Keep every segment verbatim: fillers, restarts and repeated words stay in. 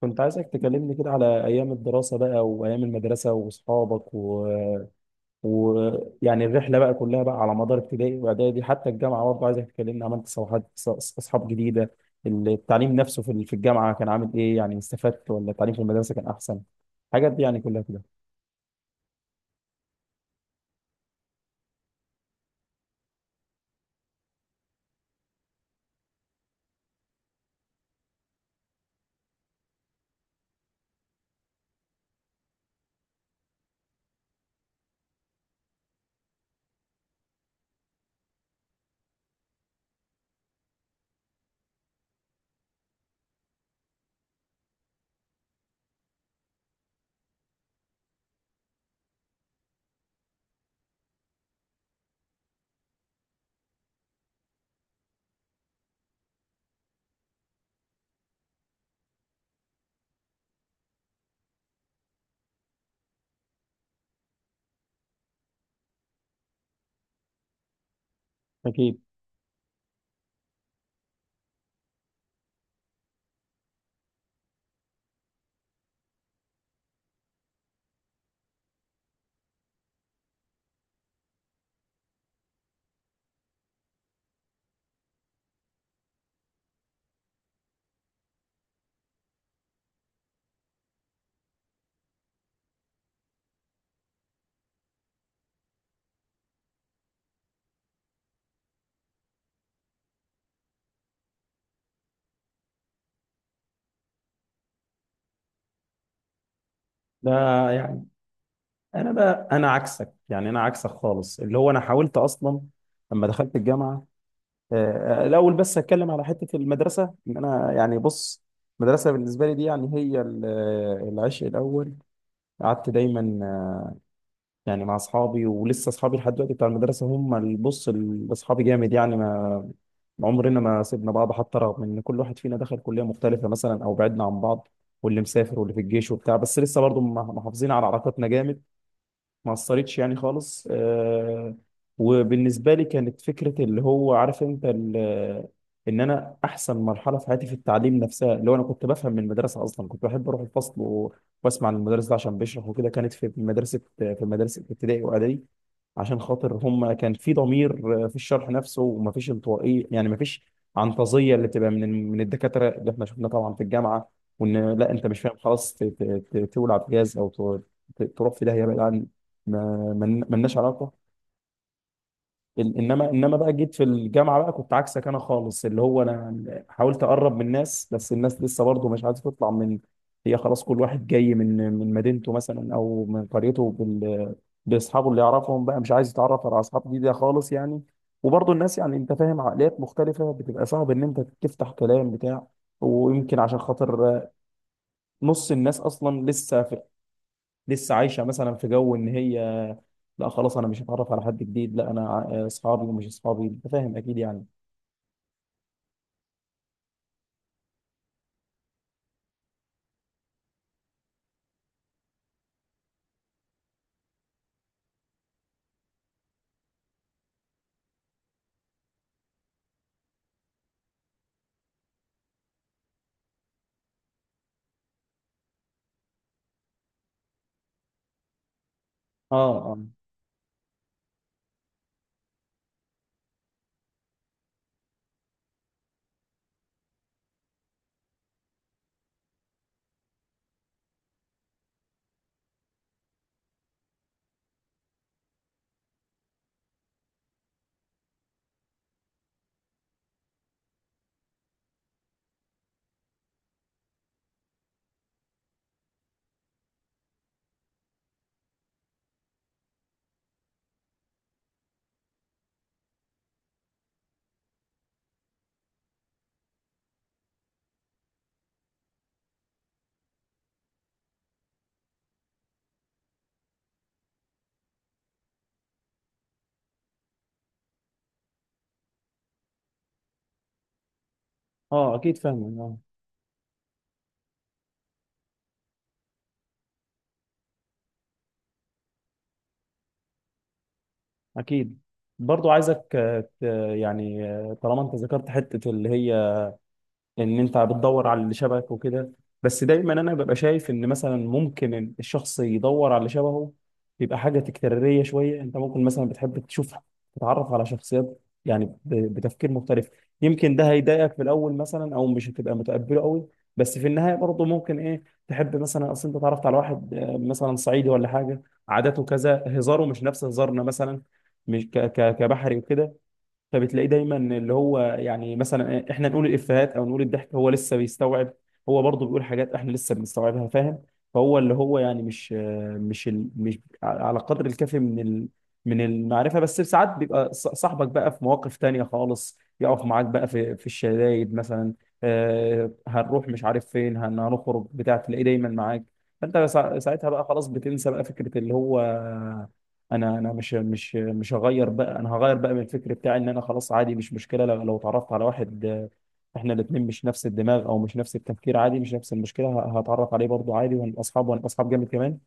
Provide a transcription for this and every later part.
كنت عايزك تكلمني كده على أيام الدراسة بقى وأيام المدرسة وأصحابك و... و... يعني الرحلة بقى كلها بقى على مدار ابتدائي وإعدادي حتى الجامعة برضه عايزك تكلمني عملت صفحات ص- ص- أصحاب جديدة. التعليم نفسه في ال- في الجامعة كان عامل إيه؟ يعني استفدت ولا التعليم في المدرسة كان أحسن؟ الحاجات دي يعني كلها كده. أكيد. ده يعني أنا بقى أنا عكسك، يعني أنا عكسك خالص، اللي هو أنا حاولت أصلا لما دخلت الجامعة. آه، الاول بس هتكلم على حته المدرسه، ان انا يعني بص، المدرسه بالنسبه لي دي يعني هي ال- العشق الاول. قعدت دايما آه، يعني مع اصحابي، ولسه اصحابي لحد دلوقتي بتاع المدرسه هم اللي بص ال- اصحابي جامد يعني ما ما عمرنا ما سيبنا بعض، حتى رغم ان كل واحد فينا دخل كليه مختلفه مثلا او بعدنا عن بعض، واللي مسافر واللي في الجيش وبتاع، بس لسه برضه محافظين على علاقتنا جامد. ما اثرتش يعني خالص آه. وبالنسبه لي كانت فكره اللي هو عارف انت ال- ان انا احسن مرحله في حياتي في التعليم نفسها، اللي هو انا كنت بفهم من المدرسه، اصلا كنت بحب اروح الفصل و- واسمع المدرس ده عشان بيشرح وكده. كانت في مدرسه، في مدرسه ابتدائي واعدادي، عشان خاطر هم كان في ضمير آه، في الشرح نفسه، ومفيش انطوائيه يعني، مفيش عنطزيه اللي بتبقى من من الدكاتره اللي احنا شفناها طبعا في الجامعه. وان لا انت مش فاهم خلاص ت- ت- ت- تولع بجاز او ت- ت- تروح في داهيه بعيد، ما من- ملناش علاقه. إن- انما انما بقى جيت في الجامعه بقى كنت عكسك انا خالص، اللي هو انا حاولت اقرب من الناس بس الناس لسه برضه مش عايزه تطلع من. هي خلاص كل واحد جاي من من مدينته مثلا او من قريته بال... باصحابه اللي يعرفهم بقى، مش عايز يتعرف على اصحاب جديده خالص يعني. وبرضه الناس يعني انت فاهم، عقليات مختلفه، بتبقى صعب ان انت تفتح كلام بتاع. ويمكن عشان خاطر آه، نص الناس اصلا لسه في... لسه عايشه مثلا في جو ان هي لا خلاص انا مش هتعرف على حد جديد، لا انا ع- آه، اصحابي ومش اصحابي انت فاهم اكيد يعني. اه، اه، اه، اكيد، فاهم، اه، اكيد. برضو عايزك آه، ت- يعني آه، طالما انت ذكرت حتة اللي هي ان انت بتدور على اللي شبهك وكده. بس دايما انا ببقى شايف ان مثلا ممكن الشخص يدور على اللي شبهه يبقى حاجه تكراريه شويه. انت ممكن مثلا بتحب تشوف، تتعرف على شخصيات يعني ب- بتفكير مختلف. يمكن ده هيضايقك في الاول مثلا، او مش هتبقى متقبله قوي، بس في النهايه برضه ممكن ايه تحب. مثلا اصل انت اتعرفت على واحد آه، مثلا صعيدي ولا حاجه، عاداته كذا، هزاره مش نفس هزارنا مثلا، مش ك- ك- كبحري وكده. فبتلاقيه دايما اللي هو يعني مثلا احنا نقول الافيهات او نقول الضحك، هو لسه بيستوعب. هو برضه بيقول حاجات احنا لسه بنستوعبها، فاهم. فهو اللي هو يعني مش مش ال- مش على قدر الكافي من ال، من المعرفه. بس ساعات بيبقى ص- صاحبك بقى في مواقف تانية خالص، يقف معاك بقى في في الشدايد مثلا، آه، هنروح مش عارف فين هن- هنخرج بتاع، تلاقيه دايما معاك. فانت سا- ساعتها بقى خلاص بتنسى بقى فكره اللي هو انا انا مش مش مش هغير. بقى انا هغير بقى من الفكر بتاعي، ان انا خلاص عادي مش مشكله لو لو اتعرفت على واحد آه، احنا الاثنين مش نفس الدماغ او مش نفس التفكير عادي، مش نفس المشكله، ه- هتعرف عليه برضه عادي، وهنبقى اصحاب، وهنبقى اصحاب جامد كمان.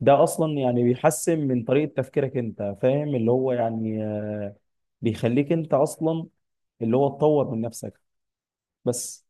ده اصلا يعني بيحسن من طريقه تفكيرك، انت فاهم اللي هو يعني آه، بيخليك انت اصلا اللي هو تطور من نفسك بس.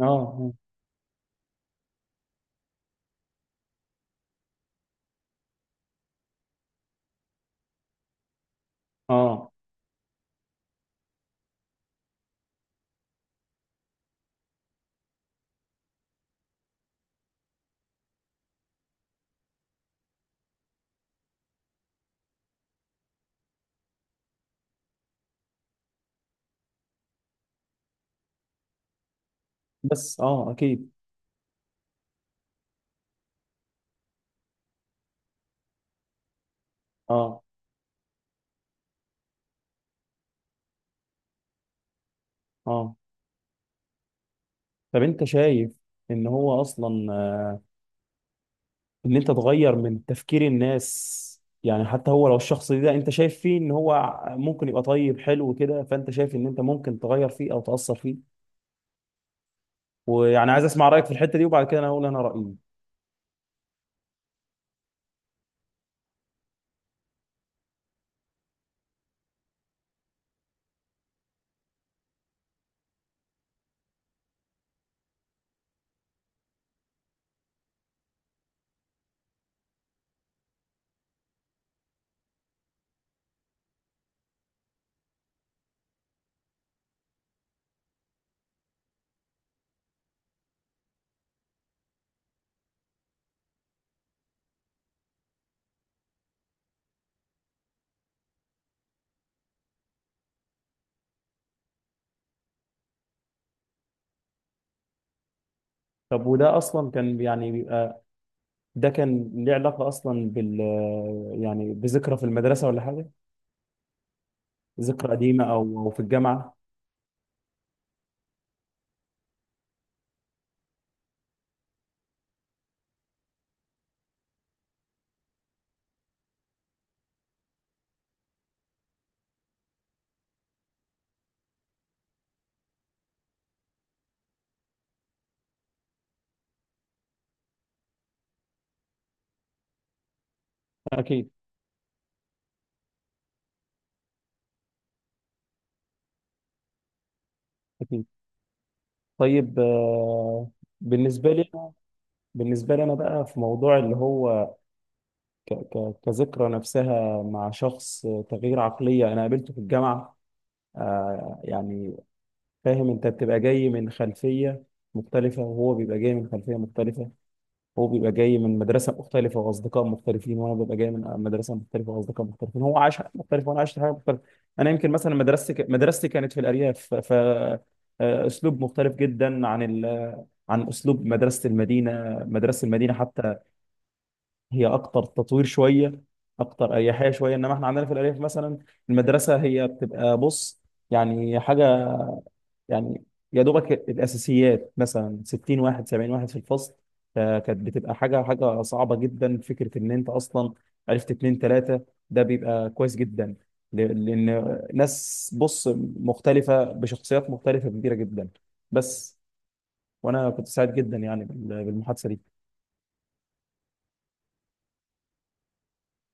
اه، اه، آه. بس اه اكيد. اه، اه. طب انت شايف ان هو اصلا ان انت تغير من تفكير الناس، يعني حتى هو لو الشخص ده انت شايف فيه ان هو ممكن يبقى طيب حلو كده، فانت شايف ان انت ممكن تغير فيه او تأثر فيه؟ ويعني عايز اسمع رأيك في الحتة دي، وبعد كده انا هقول انا رأيي. طب وده اصلا كان يعني بيبقى، ده كان ليه علاقة اصلا بال يعني بذكرى في المدرسة ولا حاجة؟ ذكرى قديمة او او في الجامعة؟ اكيد، اكيد. طيب آه، بالنسبة لي بالنسبة لي انا بقى في موضوع اللي هو ك- ك- كذكرى نفسها مع شخص تغيير عقلية أنا قابلته في الجامعة. آه، يعني فاهم، أنت بتبقى جاي من خلفية مختلفة، وهو بيبقى جاي من خلفية مختلفة، هو بيبقى جاي من مدرسة مختلفة وأصدقاء مختلفين، وأنا ببقى جاي من مدرسة مختلفة وأصدقاء مختلفين، هو عاش حاجة مختلفة وأنا عشت حاجة مختلفة. أنا يمكن مثلا مدرستي ك- مدرستي كانت في الأرياف، ف آه، أسلوب مختلف جدا عن ال عن أسلوب مدرسة المدينة. مدرسة المدينة حتى هي اكتر تطوير شويه، اكتر اريحيه شويه. انما احنا عندنا في الارياف مثلا المدرسه هي بتبقى بص، يعني حاجه، يعني يا دوبك الاساسيات، مثلا ستين واحد، سبعين واحد في الفصل. فكانت بتبقى حاجه حاجه صعبه جدا، فكره ان انت اصلا عرفت اتنين تلاته ده بيبقى كويس جدا، ل- لان ناس بص مختلفه بشخصيات مختلفه كبيره جدا بس. وانا كنت سعيد جدا يعني بال- بالمحادثه دي.